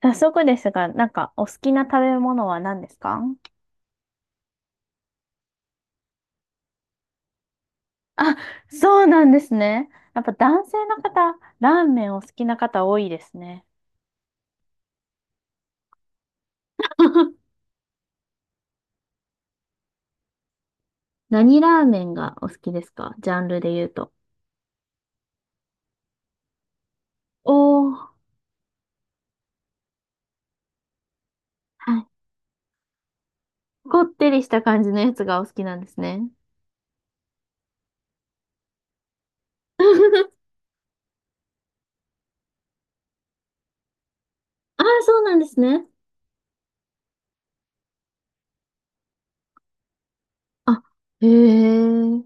早速ですが、なんかお好きな食べ物は何ですか？あ、そうなんですね。やっぱ男性の方、ラーメンお好きな方多いですね。何ラーメンがお好きですか、ジャンルで言うと？おー、はい。こってりした感じのやつがお好きなんですね。ああ、そうなんですね。あ、へえ。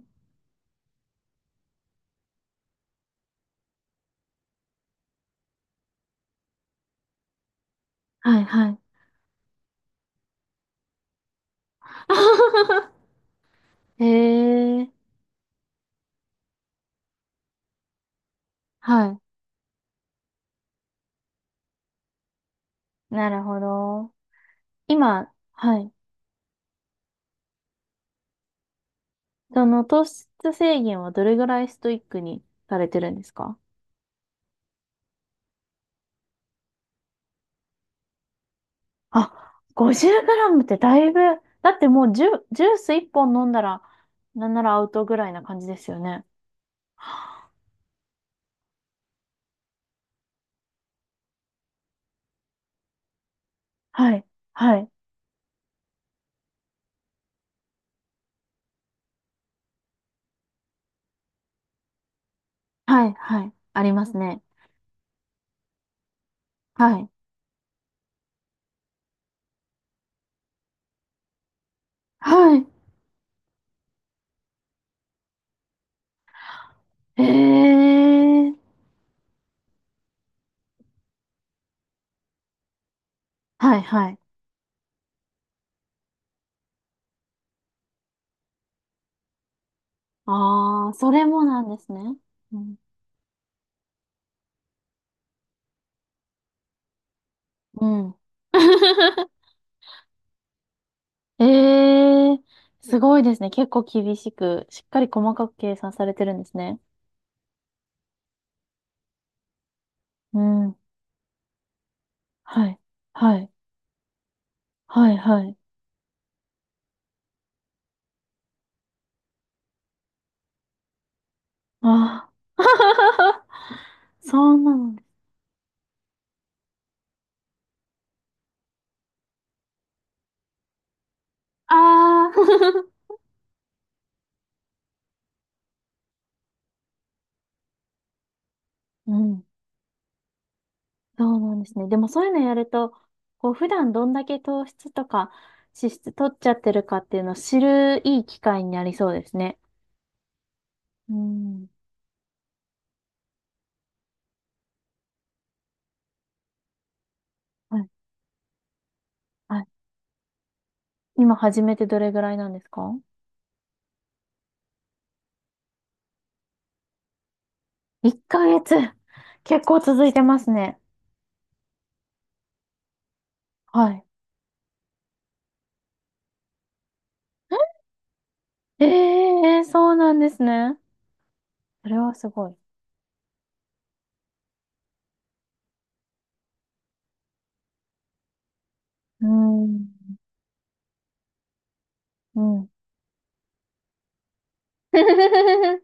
はいはい。へえ、はい。なるほど。今、はい。その糖質制限はどれぐらいストイックにされてるんですか？あ、50グラムってだいぶ、だってもうジュース1本飲んだら、なんならアウトぐらいな感じですよね。はい、はい、はい、はい。ありますね。はい。はい。ええー、はい、はい。ああ、それもなんですね。うん。うん ええー、すごいですね。結構厳しく、しっかり細かく計算されてるんですね。うんはい。はい。はい。はい。ああ。そうなのです。ああ。うん。そうなんですね。でもそういうのやると、こう、普段どんだけ糖質とか脂質取っちゃってるかっていうのを知るいい機会になりそうですね。うん。はい。はい。今始めてどれぐらいなんですか ?1 ヶ月。結構続いてますね。はい。ええそうなんですね。それはすごい。うーん。うん。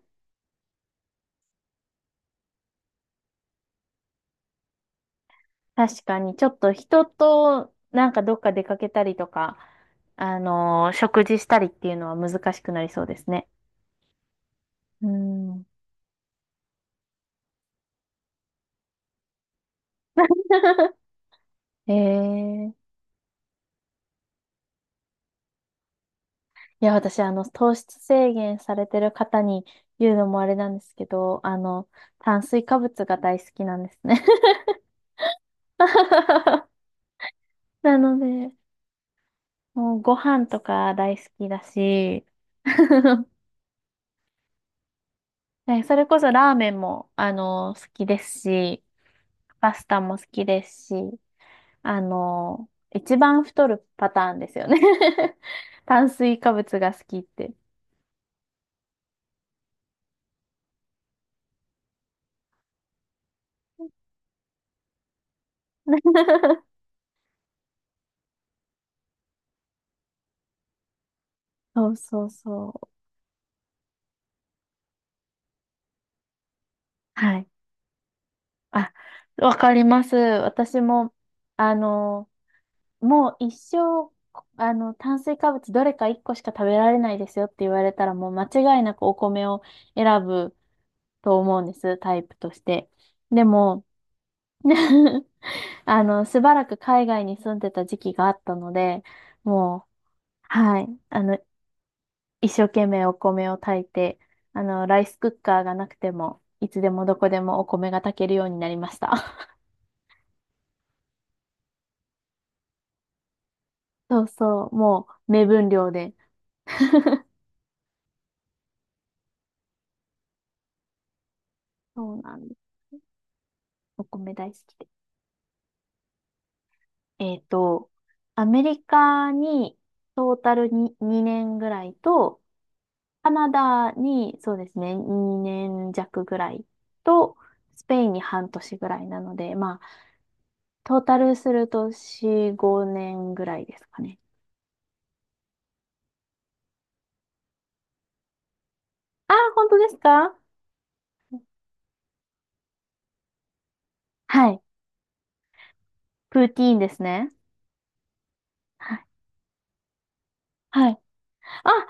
確かに、ちょっと人となんかどっか出かけたりとか、食事したりっていうのは難しくなりそうですね。うん。ええいや、私、糖質制限されてる方に言うのもあれなんですけど、炭水化物が大好きなんですね。なので、もうご飯とか大好きだし、ねそれこそラーメンも、好きですし、パスタも好きですし、一番太るパターンですよね 炭水化物が好きって。そうそうそう。はい。あ、わかります。私も、あの、もう一生、炭水化物どれか一個しか食べられないですよって言われたら、もう間違いなくお米を選ぶと思うんです、タイプとして。でも、しばらく海外に住んでた時期があったので、もう、はい。一生懸命お米を炊いて、ライスクッカーがなくても、いつでもどこでもお米が炊けるようになりました。そうそう、もう目分量で。そうなんです。お米大好きで。えっと、アメリカにトータルに2年ぐらいと、カナダにそうですね、2年弱ぐらいと、スペインに半年ぐらいなので、まあ、トータルすると4、5年ぐらいですかね。あ、本当ですか？はい。プーティーンですね。はいはい。あ、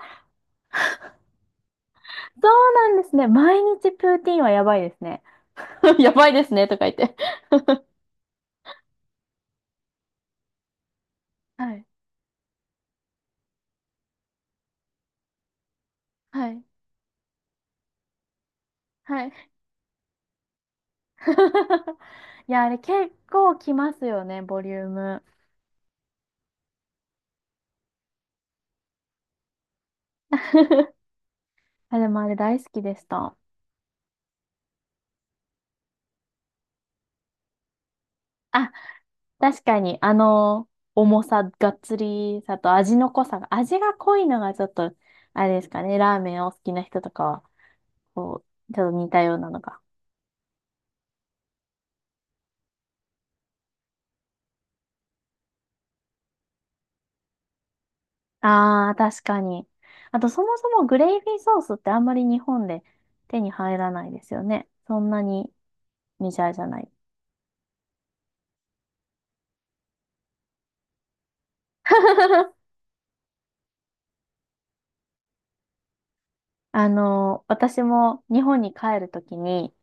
そうなんですね。毎日プーティーンはやばいですね。やばいですね、とか言って。はい。はい。はい。いや、あれ結構きますよね、ボリューム。あ、でもあれ大好きでした。あ、確かに、重さ、がっつりさと味の濃さが、味が濃いのがちょっと、あれですかね、ラーメンを好きな人とかは、こちょっと似たようなのがああ、確かに。あと、そもそもグレイビーソースってあんまり日本で手に入らないですよね。そんなにメジャーじゃない。私も日本に帰るときに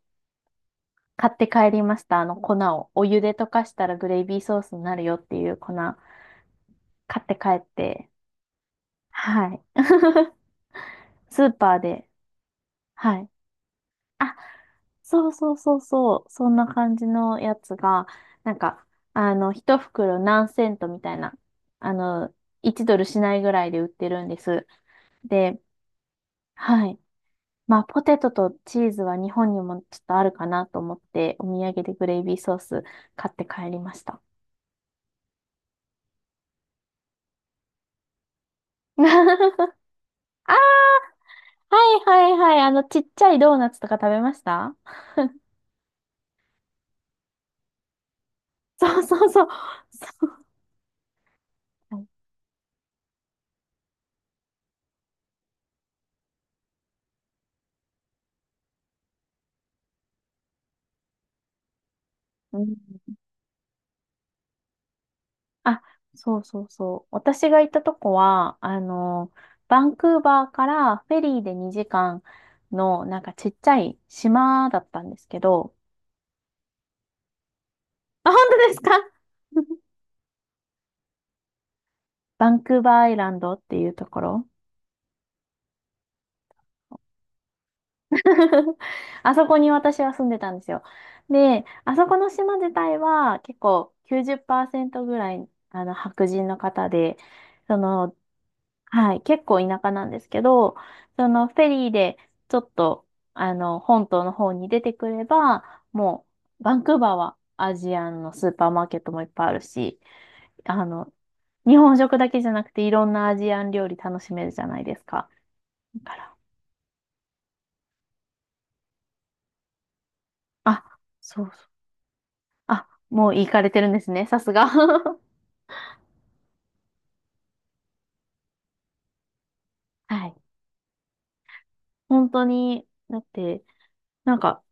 買って帰りました。あの粉を。お湯で溶かしたらグレイビーソースになるよっていう粉買って帰って。はい。スーパーで。はい。あそうそうそうそう、そんな感じのやつが、なんか、一袋何セントみたいな、あの、1ドルしないぐらいで売ってるんです。で、はい。まあ、ポテトとチーズは日本にもちょっとあるかなと思って、お土産でグレイビーソース買って帰りました。あ、はいはいはい。ちっちゃいドーナツとか食べました？ そうそうそう。そう。うんあ、そうそうそう。私が行ったとこは、バンクーバーからフェリーで2時間の、なんかちっちゃい島だったんですけど、あ、本当ですか？ バンクーバーアイランドっていうところ。 あそこに私は住んでたんですよ。で、あそこの島自体は結構90%ぐらいあの白人の方で、その、はい、結構田舎なんですけど、そのフェリーでちょっとあの本島の方に出てくれば、もうバンクーバーはアジアンのスーパーマーケットもいっぱいあるし、あの、日本食だけじゃなくていろんなアジアン料理楽しめるじゃないですか。だから、あ、そうそう。あ、もう行かれてるんですね、さすが。はい。本当に、だって、なんか、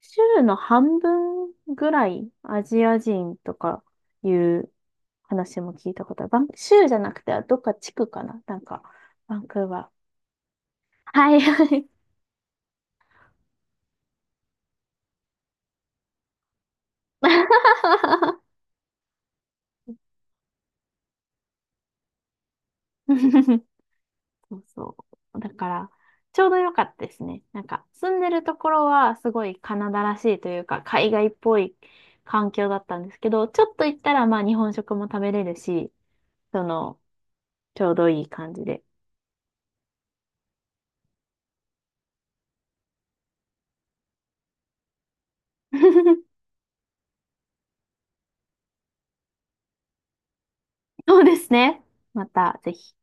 州の半分ぐらいアジア人とかいう話も聞いたことある。州じゃなくて、どっか地区かななんか、バンクーバー。はい、はい。そうそう。だから、ちょうど良かったですね。なんか、住んでるところはすごいカナダらしいというか、海外っぽい環境だったんですけど、ちょっと行ったらまあ日本食も食べれるし、その、ちょうどいい感じで。そうですね。また、ぜひ。